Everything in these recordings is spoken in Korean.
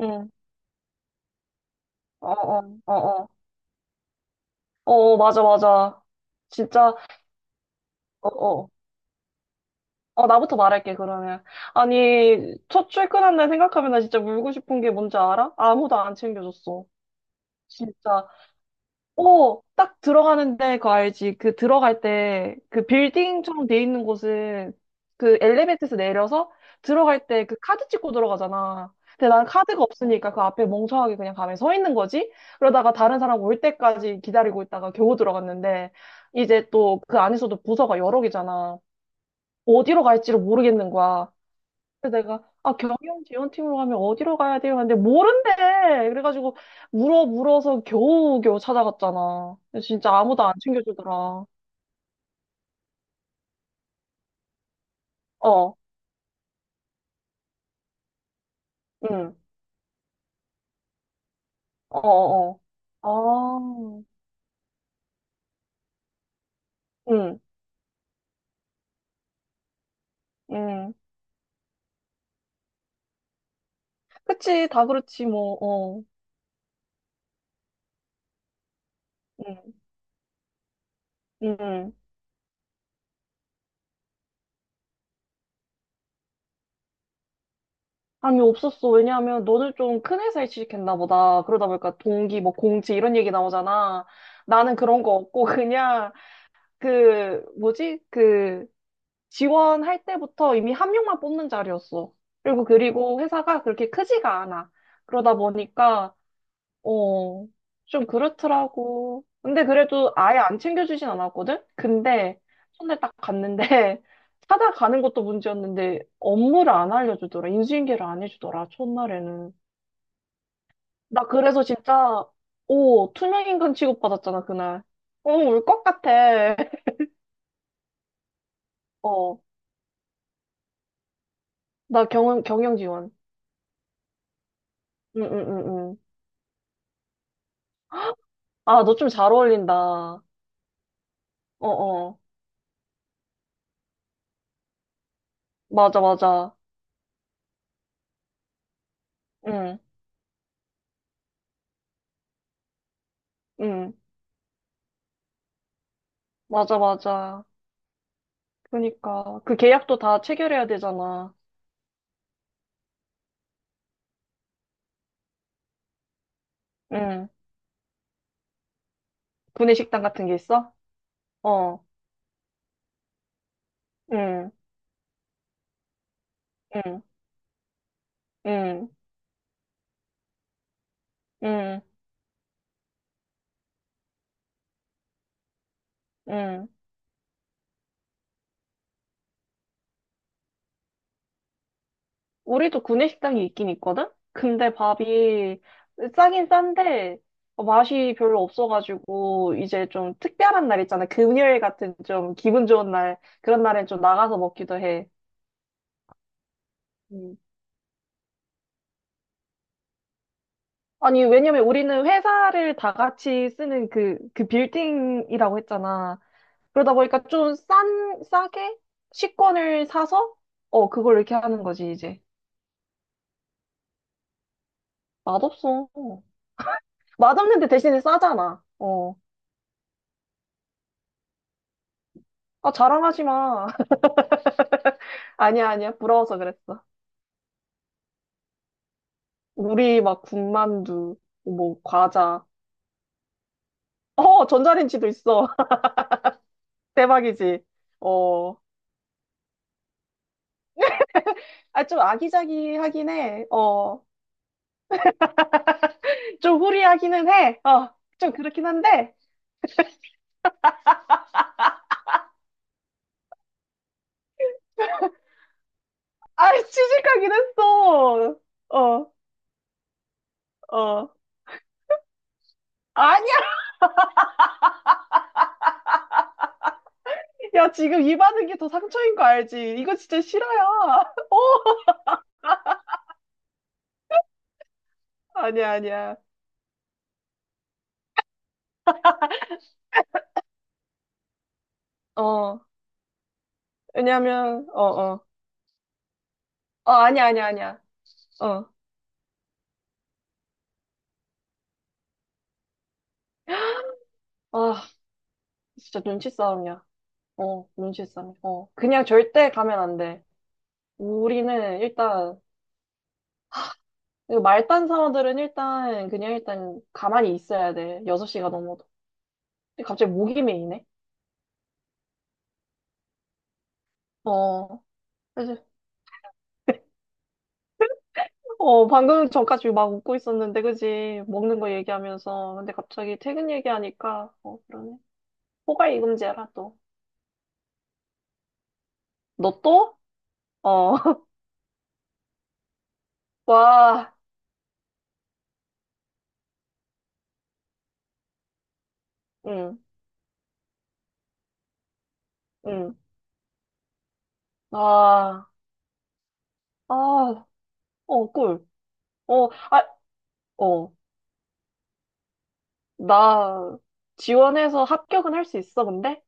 응. 어, 어, 어, 어. 어, 어, 맞아, 맞아. 진짜, 어, 어. 어, 나부터 말할게, 그러면. 아니, 첫 출근한 날 생각하면 나 진짜 울고 싶은 게 뭔지 알아? 아무도 안 챙겨줬어. 진짜. 오, 딱 들어가는데 그거 알지? 그 들어갈 때 그 빌딩처럼 돼 있는 곳은 그 엘리베이터에서 내려서 들어갈 때 그 카드 찍고 들어가잖아. 근데 난 카드가 없으니까 그 앞에 멍청하게 그냥 가만히 서 있는 거지? 그러다가 다른 사람 올 때까지 기다리고 있다가 겨우 들어갔는데 이제 또 그 안에서도 부서가 여러 개잖아. 어디로 갈지를 모르겠는 거야. 그래서 내가 아 경영 지원팀으로 가면 어디로 가야 돼요? 근데 모른대. 그래가지고 물어서 겨우 찾아갔잖아. 근데 진짜 아무도 안 챙겨주더라. 어, 응, 어, 어, 어. 아, 응, 응. 그치, 다 그렇지 뭐. 어, 응, 응. 감이 없었어. 왜냐하면 너는 좀 큰 회사에 취직했나 보다. 그러다 보니까 동기, 뭐 공지 이런 얘기 나오잖아. 나는 그런 거 없고 그냥 그 뭐지? 그 지원할 때부터 이미 한 명만 뽑는 자리였어. 그리고 회사가 그렇게 크지가 않아. 그러다 보니까 어, 좀 그렇더라고. 근데 그래도 아예 안 챙겨주진 않았거든? 근데 손에 딱 갔는데 찾아가는 것도 문제였는데 업무를 안 알려주더라. 인수인계를 안 해주더라. 첫날에는. 나 그래서 진짜 오, 투명인간 취급받았잖아, 그날. 어, 울 것 같아. 어, 나 경영 지원. 응, 응, 응, 응. 아, 너 좀 잘 어울린다. 어, 어. 맞아, 맞아. 응, 응. 맞아, 맞아. 그러니까. 그 계약도 다 체결해야 되잖아. 응. 구내식당 같은 게 있어? 어, 응, 응, 응, 응, 응. 우리도 구내식당이 있긴 있거든? 근데 밥이 싸긴 싼데 어, 맛이 별로 없어가지고 이제 좀 특별한 날 있잖아. 금요일 같은 좀 기분 좋은 날. 그런 날엔 좀 나가서 먹기도 해. 아니, 왜냐면 우리는 회사를 다 같이 쓰는 그, 그 빌딩이라고 했잖아. 그러다 보니까 좀 싼, 싸게 식권을 사서, 어, 그걸 이렇게 하는 거지, 이제. 맛없어. 맛없는데 대신에 싸잖아. 어. 아, 자랑하지 마. 아니야, 아니야. 부러워서 그랬어. 우리 막 군만두, 뭐, 과자. 어, 전자레인지도 있어. 대박이지. 어. 아, 좀 아기자기하긴 해. 어. 좀 후리하기는 해. 어. 좀 그렇긴 한데. 아, 취직하긴 했어. 어, 어. 아니야! 야, 지금 이 받은 게 더 상처인 거 알지? 이거 진짜 싫어요. 어, 아니야, 아니야. 어, 왜냐면, 어, 어. 어, 아니야, 아니야, 아니야. 어. 아, 진짜 눈치 싸움이야. 어, 눈치 싸움. 어. 그냥 절대 가면 안 돼. 우리는 일단, 이거 말단 사원들은 일단, 그냥 일단 가만히 있어야 돼. 6시가 넘어도. 갑자기 목이 메이네. 어. 그래서 어, 방금 전까지 막 웃고 있었는데, 그지? 먹는 거 얘기하면서. 근데 갑자기 퇴근 얘기하니까, 어, 그러네. 호가 이금제라, 또. 너 또? 어, 와, 응, 응, 아, 아, 어, 꿀. 어, 아, 어, 나 지원해서 합격은 할 수 있어, 근데?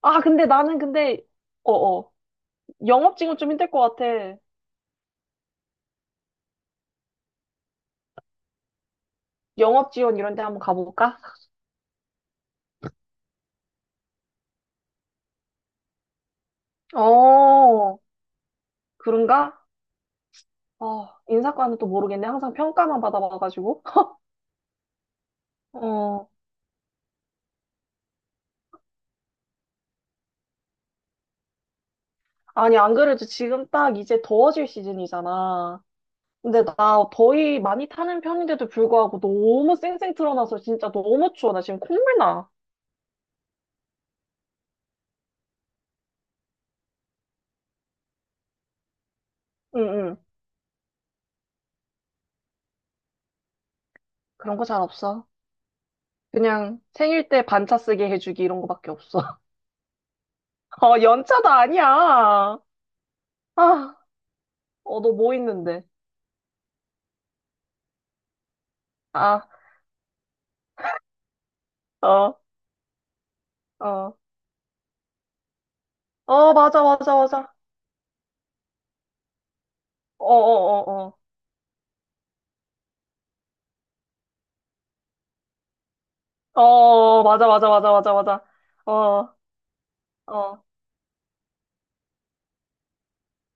아, 근데 나는 근데, 어, 어, 영업 지원 좀 힘들 것 같아. 영업 지원 이런 데 한번 가볼까? 어, 그런가? 어, 인사과는 또 모르겠네. 항상 평가만 받아봐가지고. 어, 아니, 안 그래도 지금 딱 이제 더워질 시즌이잖아. 근데 나 더위 많이 타는 편인데도 불구하고 너무 쌩쌩 틀어놔서 진짜 너무 추워. 나 지금 콧물 나. 응, 응. 그런 거 잘 없어. 그냥 생일 때 반차 쓰게 해주기 이런 거밖에 없어. 어, 연차도 아니야. 아, 어, 너 뭐 있는데? 아, 어, 어. 어, 맞아, 맞아, 맞아. 어, 어, 어, 어. 어, 어, 어. 맞아, 맞아, 맞아, 맞아, 맞아. 어. 어,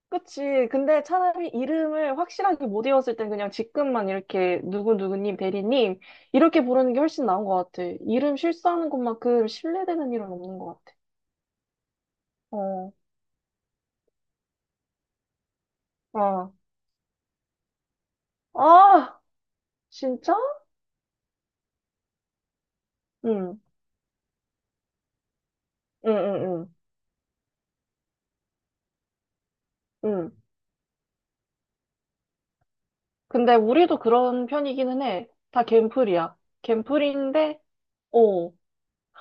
그치. 근데 차라리 이름을 확실하게 못 외웠을 땐 그냥 직급만 이렇게 누구누구님, 대리님 이렇게 부르는 게 훨씬 나은 것 같아. 이름 실수하는 것만큼 신뢰되는 일은 없는 것 같아. 어, 어. 아, 진짜? 응, 응, 응, 응, 응. 근데 우리도 그런 편이기는 해. 다 갠플이야. 갠플인데, 어,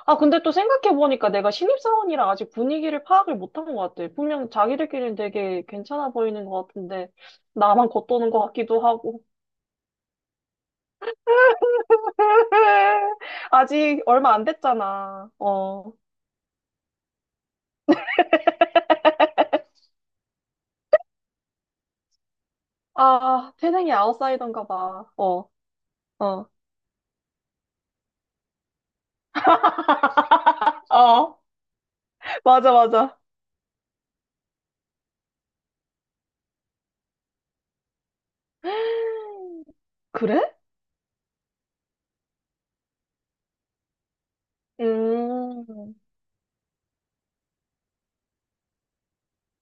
아, 근데 또 생각해보니까 내가 신입사원이라 아직 분위기를 파악을 못한 것 같아. 분명 자기들끼리는 되게 괜찮아 보이는 것 같은데, 나만 겉도는 것 같기도 하고. 아직 얼마 안 됐잖아. 어. 아, 태생이 아웃사이더인가 봐. 어, 어. 어, 맞아, 맞아. 그래? 음,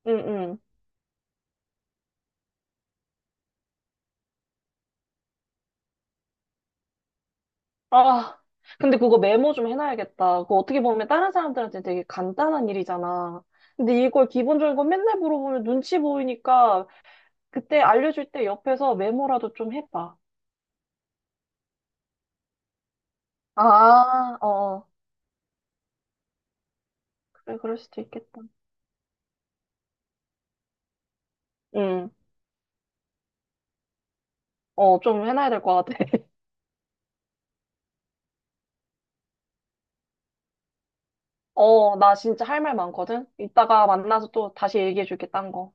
음, 음. 아, 근데 그거 메모 좀 해놔야겠다. 그거 어떻게 보면 다른 사람들한테 되게 간단한 일이잖아. 근데 이걸 기본적인 거 맨날 물어보면 눈치 보이니까 그때 알려줄 때 옆에서 메모라도 좀 해봐. 아, 어, 그래, 그럴 수도 있겠다. 응. 어, 좀 해놔야 될 것 같아. 어, 나 진짜 할 말 많거든? 이따가 만나서 또 다시 얘기해줄게, 딴 거.